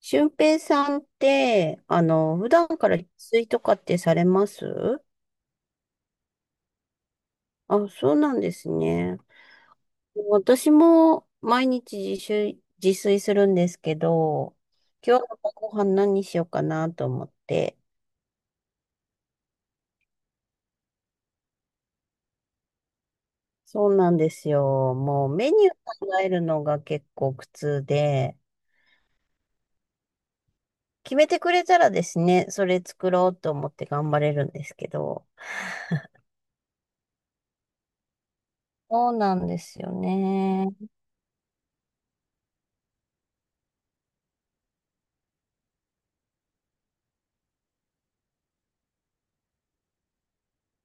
俊平さんって、普段から自炊とかってされます？あ、そうなんですね。私も毎日自炊するんですけど、今日のご飯何にしようかなと思って。そうなんですよ。もうメニュー考えるのが結構苦痛で、決めてくれたらですね、それ作ろうと思って頑張れるんですけど。そうなんですよね。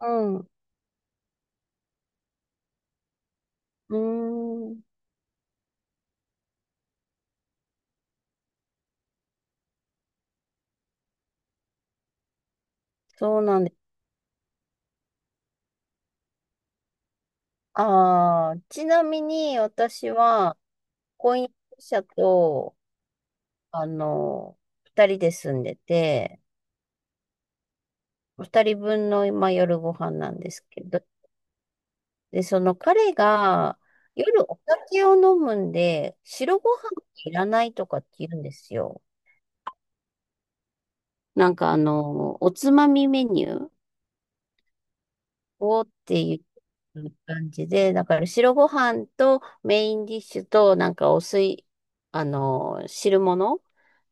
うん。うーん。そうなんです。ああ、ちなみに私は、婚約者と、あの、二人で住んでて、二人分の今夜ご飯なんですけど、で、その彼が夜お酒を飲むんで、白ご飯いらないとかって言うんですよ。なんかおつまみメニューおーっていう感じで、だから白ご飯とメインディッシュとなんかお水、汁物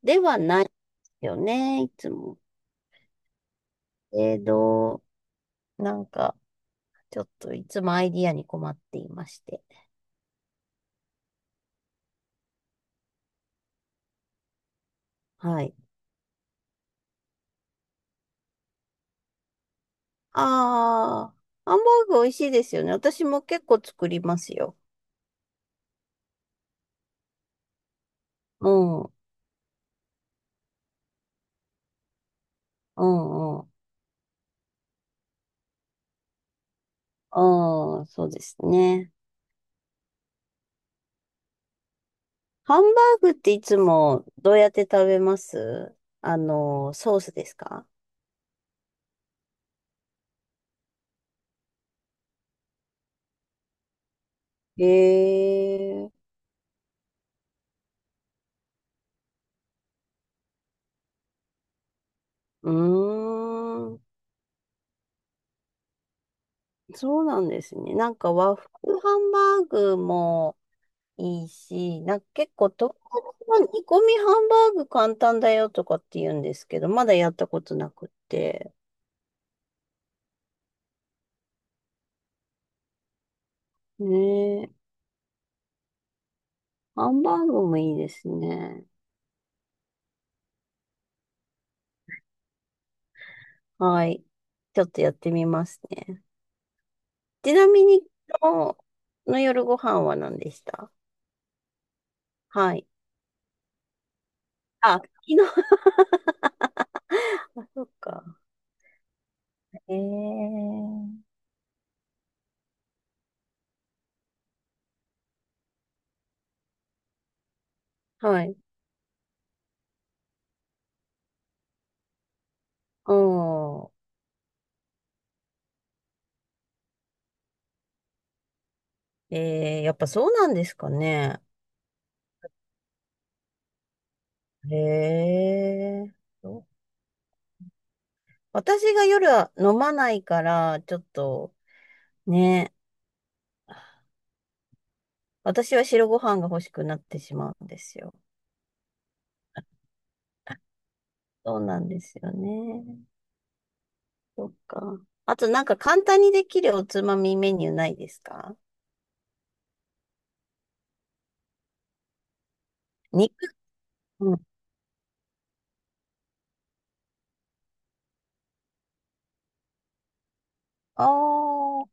ではないよね、いつも。えど、なんか、ちょっといつもアイディアに困っていまして。はい。ああ、ハンバーグ美味しいですよね。私も結構作りますよ。うん、うん、うん、うん、そうですね。ハンバーグっていつもどうやって食べます？ソースですか？へえ、うーん、そうなんですね。なんか和風ハンバーグもいいし、なんか結構東京の煮込みハンバーグ簡単だよとかって言うんですけど、まだやったことなくって。ねえ、ハンバーグもいいですね。はい。ちょっとやってみますね。ちなみに、今日の夜ご飯は何でした？はい。あ、昨日、そっか。えー、はい。ああ、えー、やっぱそうなんですかね。へえ。そう、私が夜は飲まないから、ちょっとね、私は白ご飯が欲しくなってしまうんですよ。そうなんですよね。そっか。あとなんか簡単にできるおつまみメニューないですか？肉。うん。ああ、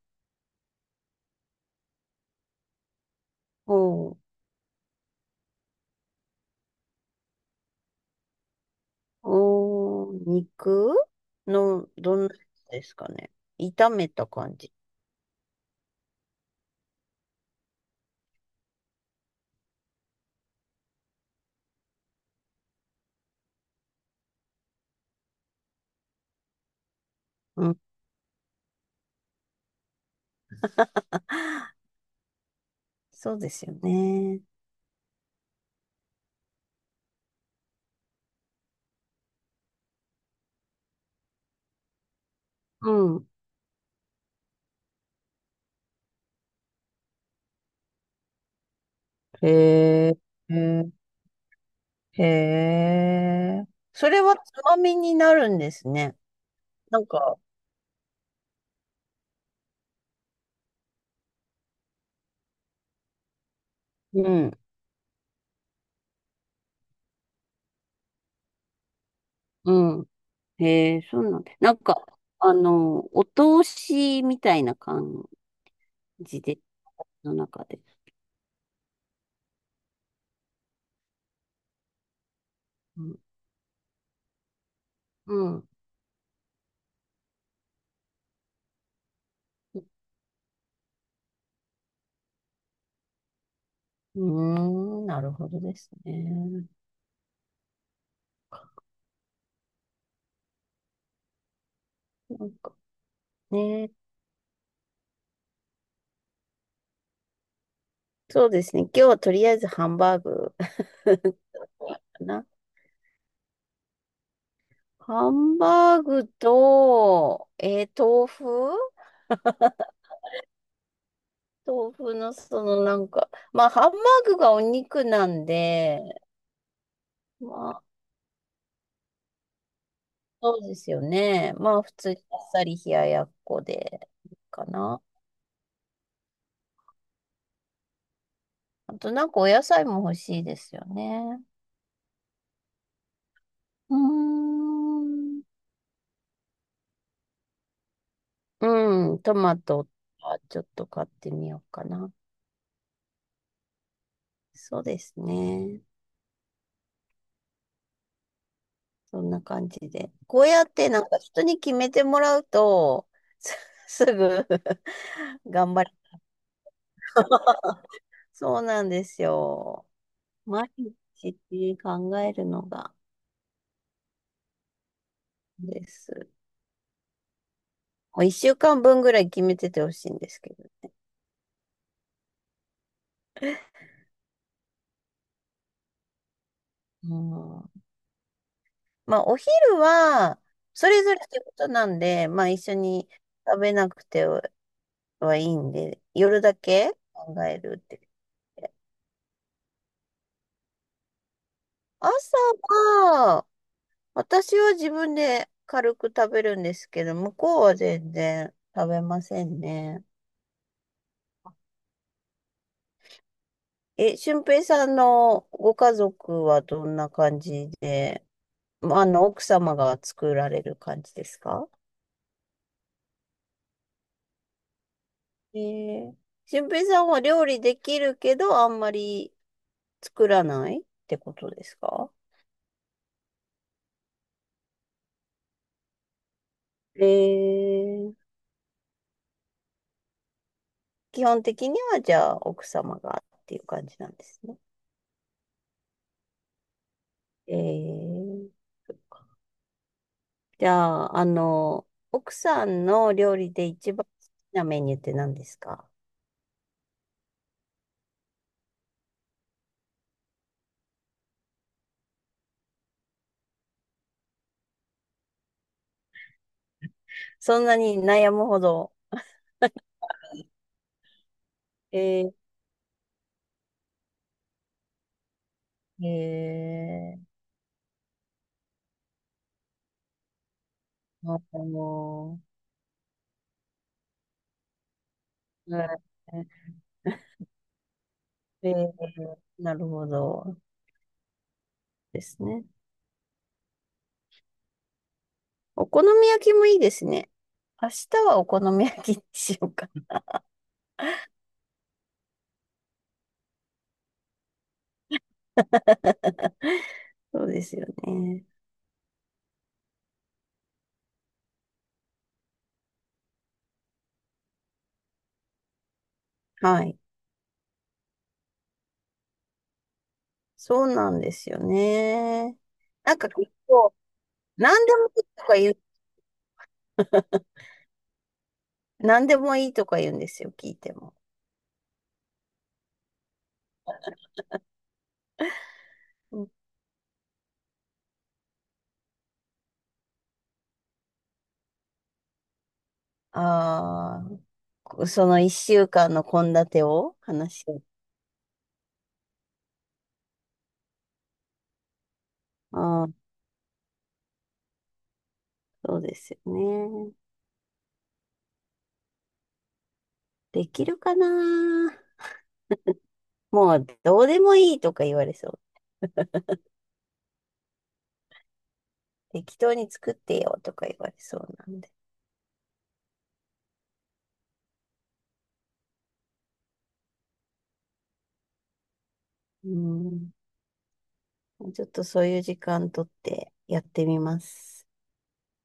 うん。おー、肉の、どんなやつですかね。炒めた感じ。うん。そうですよね。うん。へえ、へえ、それはつまみになるんですね。なんか、うん、うん。へえ、そうなんだ。なんか、お通しみたいな感じで、の中で。うん。うん。うーん、なるほどですね。なんかね、そうですね。今日はとりあえずハンバーグ な。ハンバーグと、豆腐豆腐のそのなんか、まあハンバーグがお肉なんで、まあそうですよね。まあ普通にあっさり冷ややっこでいいかな。あとなんかお野菜も欲しいですよね。うーん。うん、トマトはちょっと買ってみようかな。そうですね。そんな感じで。こうやってなんか人に決めてもらうと、すすぐ 頑張る。そうなんですよ。毎日って考えるのがです。もう一週間分ぐらい決めててほしいんですけど。うん、まあ、お昼は、それぞれってことなんで、まあ、一緒に食べなくてはいいんで、夜だけ考えるって言って。朝私は自分で軽く食べるんですけど、向こうは全然食べませんね。え、俊平さんのご家族はどんな感じで、まあ奥様が作られる感じですか？えー、俊平さんは料理できるけど、あんまり作らないってことですか？えー、基本的にはじゃあ奥様がっていう感じなんですね。えーじゃあ、奥さんの料理で一番好きなメニューって何ですか？そんなに悩むほど。えー、えー、えー、えーなるほどですね。お好み焼きもいいですね。明日はお好み焼きにしようかな。そうですよね。はい。そうなんですよね。なんか結構、何でもいいとか言う、何でもいいとか言うんですよ、聞いても。うああ、その一週間の献立を話し合う？ああ、そうですよね。できるかな？もうどうでもいいとか言われそう。適当に作ってよとか言われそうなんで。うん。ちょっとそういう時間取ってやってみます。